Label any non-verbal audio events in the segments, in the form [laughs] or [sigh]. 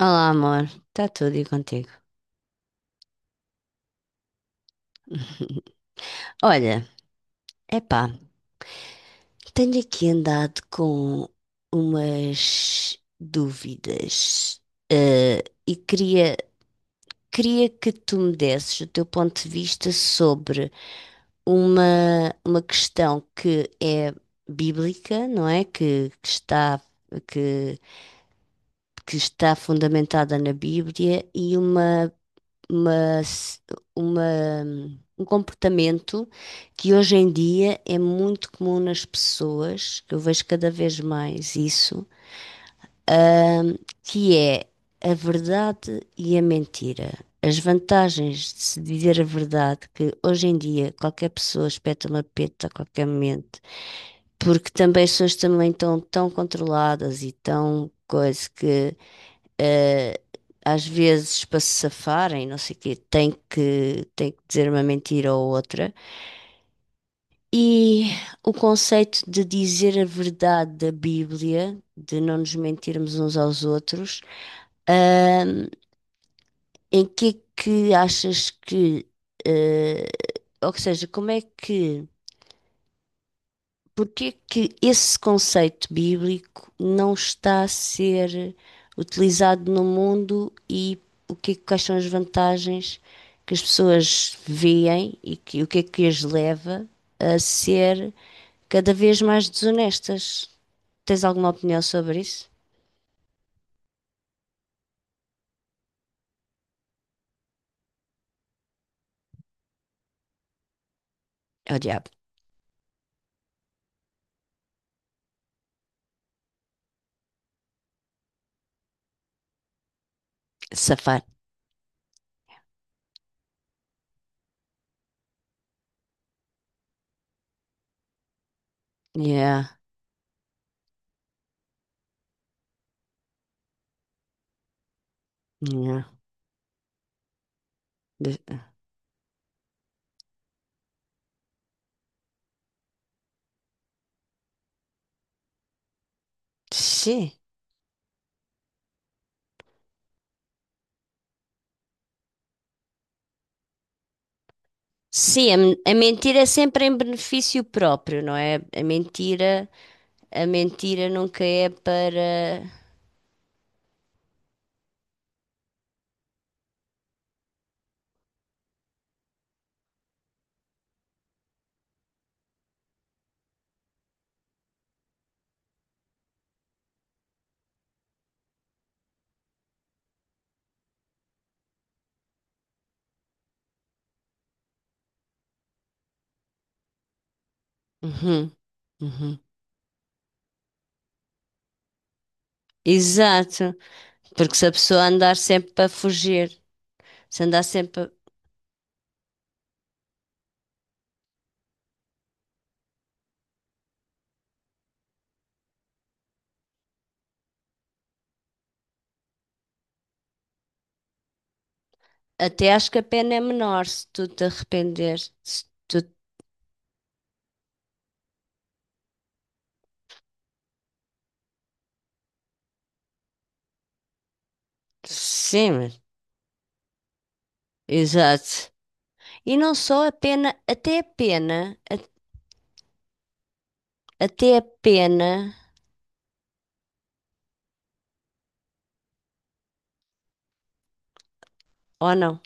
Olá, amor. Está tudo e contigo? [laughs] Olha, epá, tenho aqui andado com umas dúvidas, e queria que tu me desses o teu ponto de vista sobre uma questão que é bíblica, não é? Que está, que, que está fundamentada na Bíblia e uma, s- uma- um comportamento que hoje em dia é muito comum nas pessoas, que eu vejo cada vez mais isso, ahm, que é a verdade e a mentira. As vantagens de se dizer a verdade, que hoje em dia qualquer pessoa espeta uma peta a qualquer momento, porque também as pessoas também estão tão controladas e tão coisa que eh, às vezes para se safarem, não sei o quê, tem que dizer uma mentira ou outra. E o conceito de dizer a verdade da Bíblia, de não nos mentirmos uns aos outros, ahm, em que é que achas que, eh, ou seja, como é que Porque é que esse conceito bíblico não está a ser utilizado no mundo e o que, é que- quais são as vantagens que as pessoas veem e o que é que as leva a ser cada vez mais desonestas? Tens alguma opinião sobre isso? Oh, diabo, safar. Yeah, yeah. De- Sim. Sim, a mentira é sempre em benefício próprio, não é? A mentira. A mentira nunca é para. Uhum, uhum. Exato, porque se a pessoa andar sempre para fugir, se andar sempre. A- Até acho que a pena é menor se tu te arrependeres. Se tu... Sim, exato. E não só a pena, até a pena, até a pena, ou não?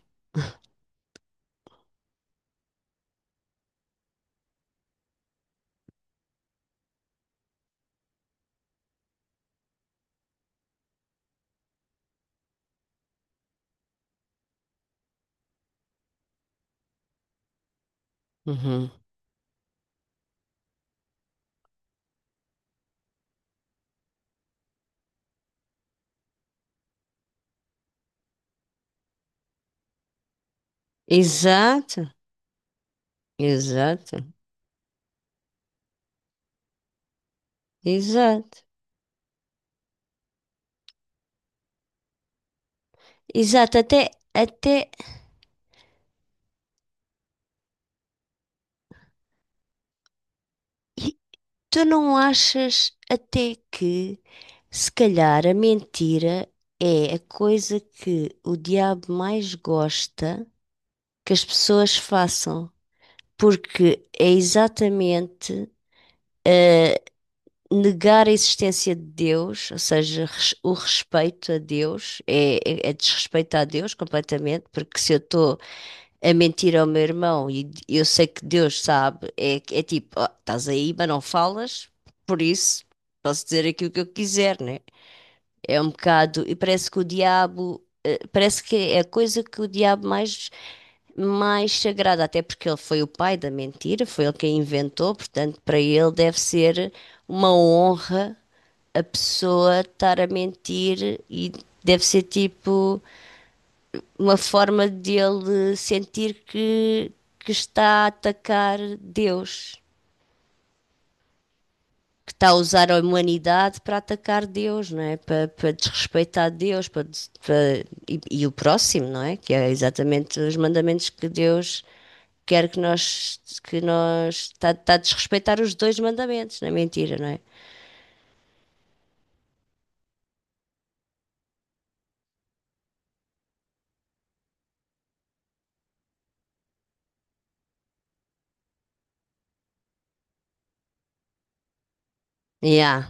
Uhum. Exato, exato, exato, exato. E tu não achas até que, se calhar, a mentira é a coisa que o diabo mais gosta que as pessoas façam? Porque é exatamente eh, negar a existência de Deus, ou seja, o respeito a Deus, é desrespeitar a Deus completamente, porque se eu estou a mentir ao meu irmão e eu sei que Deus sabe, é tipo, "Oh, estás aí, mas não falas, por isso posso dizer aquilo que eu quiser, né? É um bocado. E parece que o diabo. Parece que é a coisa que o diabo mais. Mais sagrada, até porque ele foi o pai da mentira, foi ele quem inventou, portanto, para ele deve ser uma honra a pessoa estar a mentir e deve ser tipo uma forma dele sentir que, está a atacar Deus. Que está a usar a humanidade para atacar Deus, não é? Para desrespeitar Deus para- e o próximo, não é? Que é exatamente os mandamentos que Deus quer que nós está a desrespeitar os dois mandamentos, não é mentira, não é? Yeah.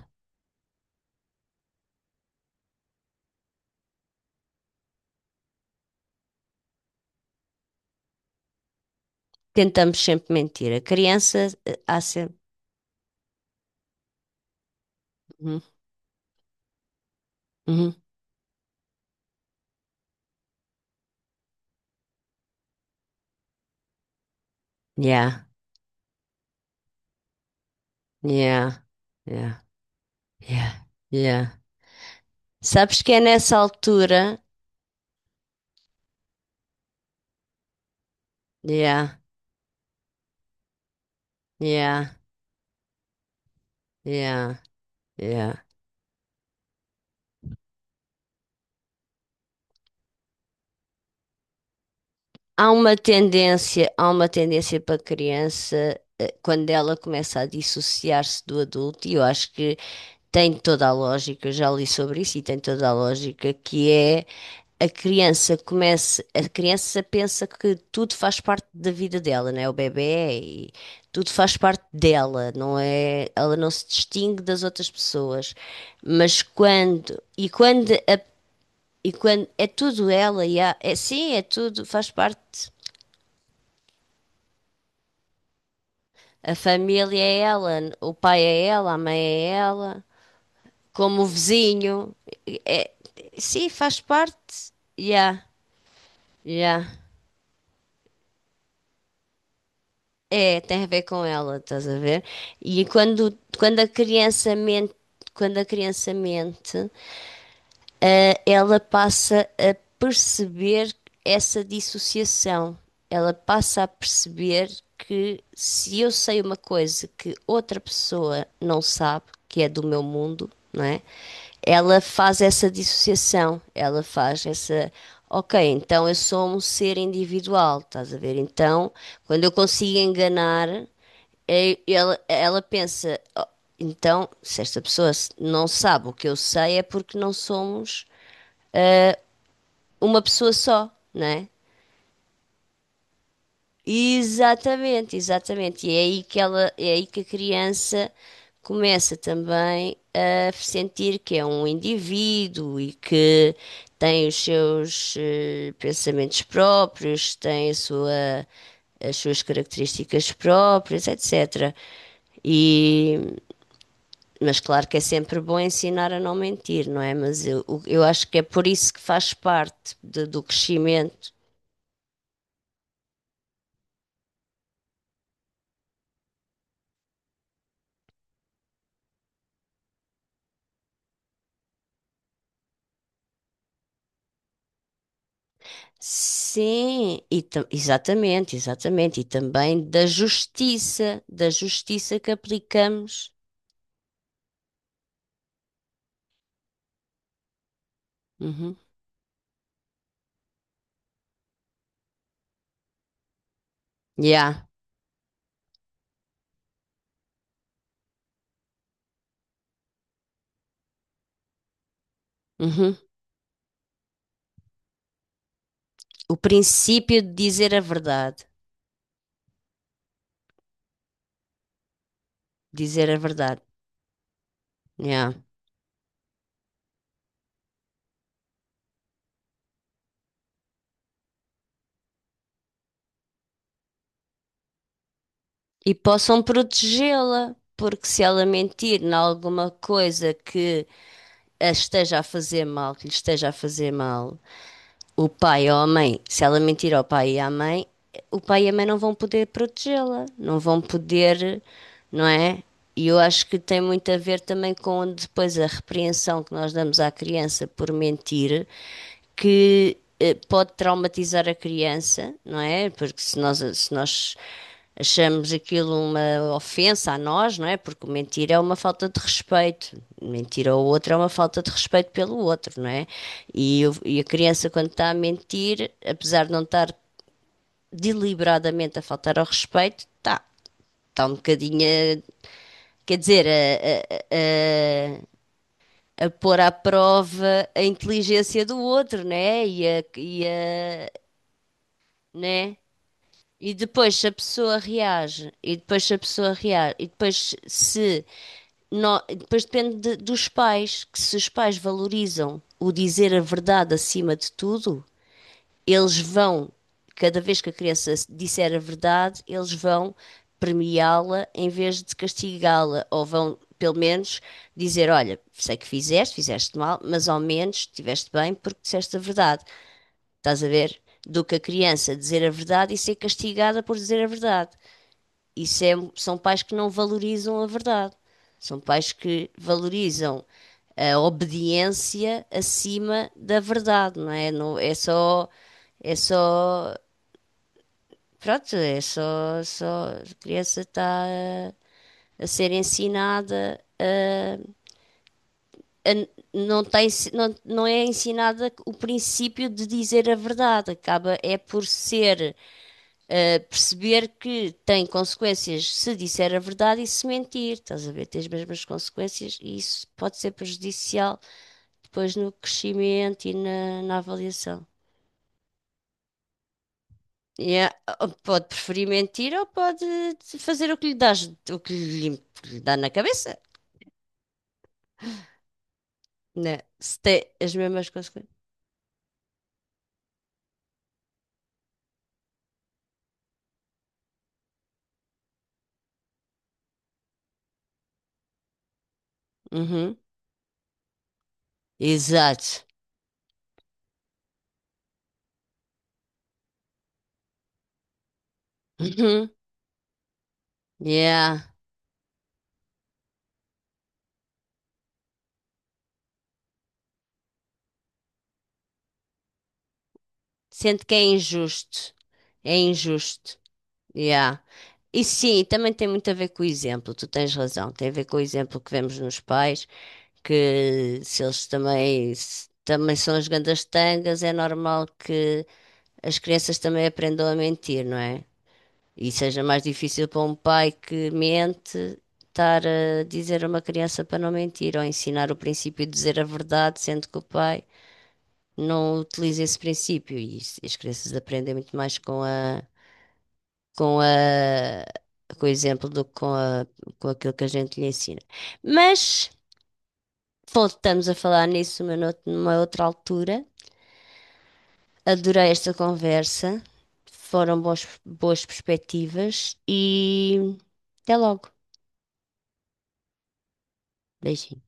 Tentamos sempre mentir. A criança há sempre. Uhum. Uhum. Yeah. Yeah. Yeah. Yeah. Yeah. Sabes que é nessa altura. Yeah. Yeah. Yeah. Yeah. Há uma tendência para a criança quando ela começa a dissociar-se do adulto, e eu acho que tem toda a lógica, eu já li sobre isso e tem toda a lógica, que é a criança pensa que tudo faz parte da vida dela, né? O bebé e tudo faz parte dela, não é? Ela não se distingue das outras pessoas. Mas quando, e quando a- e quando é tudo ela é sim, é tudo, faz parte. A família é ela, o pai é ela, a mãe é ela, como o vizinho. É, sim, faz parte. Yeah, yeah. É, tem a ver com ela, estás a ver? E quando a criança mente, quando a criança mente, ela passa a perceber essa dissociação. Ela passa a perceber que se eu sei uma coisa que outra pessoa não sabe, que é do meu mundo, não é? Ela faz essa dissociação, ela faz essa. Ok, então eu sou um ser individual, estás a ver? Então, quando eu consigo enganar, ela pensa, "Oh, então, se esta pessoa não sabe o que eu sei, é porque não somos uma pessoa só, não é? Exatamente, exatamente. É aí que a criança começa também a sentir que é um indivíduo e que tem os seus pensamentos próprios, as suas características próprias, etc. E, mas claro que é sempre bom ensinar a não mentir, não é? Mas eu acho que é por isso que faz parte do crescimento. Sim, e exatamente, exatamente. E também da justiça, que aplicamos. Uhum. Yeah. Uhum. O princípio de dizer a verdade. Dizer a verdade. Yeah. E possam protegê-la, porque se ela mentir em alguma coisa que lhe esteja a fazer mal, o pai ou a mãe, se ela mentir ao pai e à mãe, o pai e a mãe não vão poder protegê-la, não vão poder, não é? E eu acho que tem muito a ver também com depois a repreensão que nós damos à criança por mentir, que pode traumatizar a criança, não é? Porque se nós achamos aquilo uma ofensa a nós, não é? Porque mentir é uma falta de respeito. Mentir ao outro é uma falta de respeito pelo outro, não é? E a criança, quando está a mentir, apesar de não estar deliberadamente a faltar ao respeito, está um bocadinho, quer dizer, a pôr à prova a inteligência do outro, né? Né? E depois se a pessoa reage, e depois se depois depende dos pais, que se os pais valorizam o dizer a verdade acima de tudo, eles vão, cada vez que a criança disser a verdade, eles vão premiá-la em vez de castigá-la, ou vão pelo menos dizer, olha, sei que fizeste mal, mas ao menos estiveste bem porque disseste a verdade. Estás a ver? Do que a criança dizer a verdade e ser castigada por dizer a verdade. São pais que não valorizam a verdade. São pais que valorizam a obediência acima da verdade, não é? Não, é só, pronto, é só, só a criança está a ser ensinada a- não tem, não, não é ensinada o princípio de dizer a verdade, acaba é por ser perceber que tem consequências se disser a verdade e se mentir, estás a ver? Tem as mesmas consequências e isso pode ser prejudicial depois no crescimento e na avaliação. E é- Pode preferir mentir ou pode fazer o que lhe dá na cabeça, né? Se tem as mesmas consequências. Uhum. Exato. Uhum. Yeah. Sente que é injusto. É injusto. Yeah. E sim, também tem muito a ver com o exemplo, tu tens razão, tem a ver com o exemplo que vemos nos pais, que se também são as grandes tangas, é normal que as crianças também aprendam a mentir, não é? E seja mais difícil para um pai que mente estar a dizer a uma criança para não mentir, ou ensinar o princípio de dizer a verdade, sendo que o pai não utiliza esse princípio, as crianças aprendem muito mais com a com a, com o exemplo do que com aquilo que a gente lhe ensina. Mas voltamos a falar nisso numa outra altura. Adorei esta conversa. Foram boas boas perspectivas e até logo. Beijinho.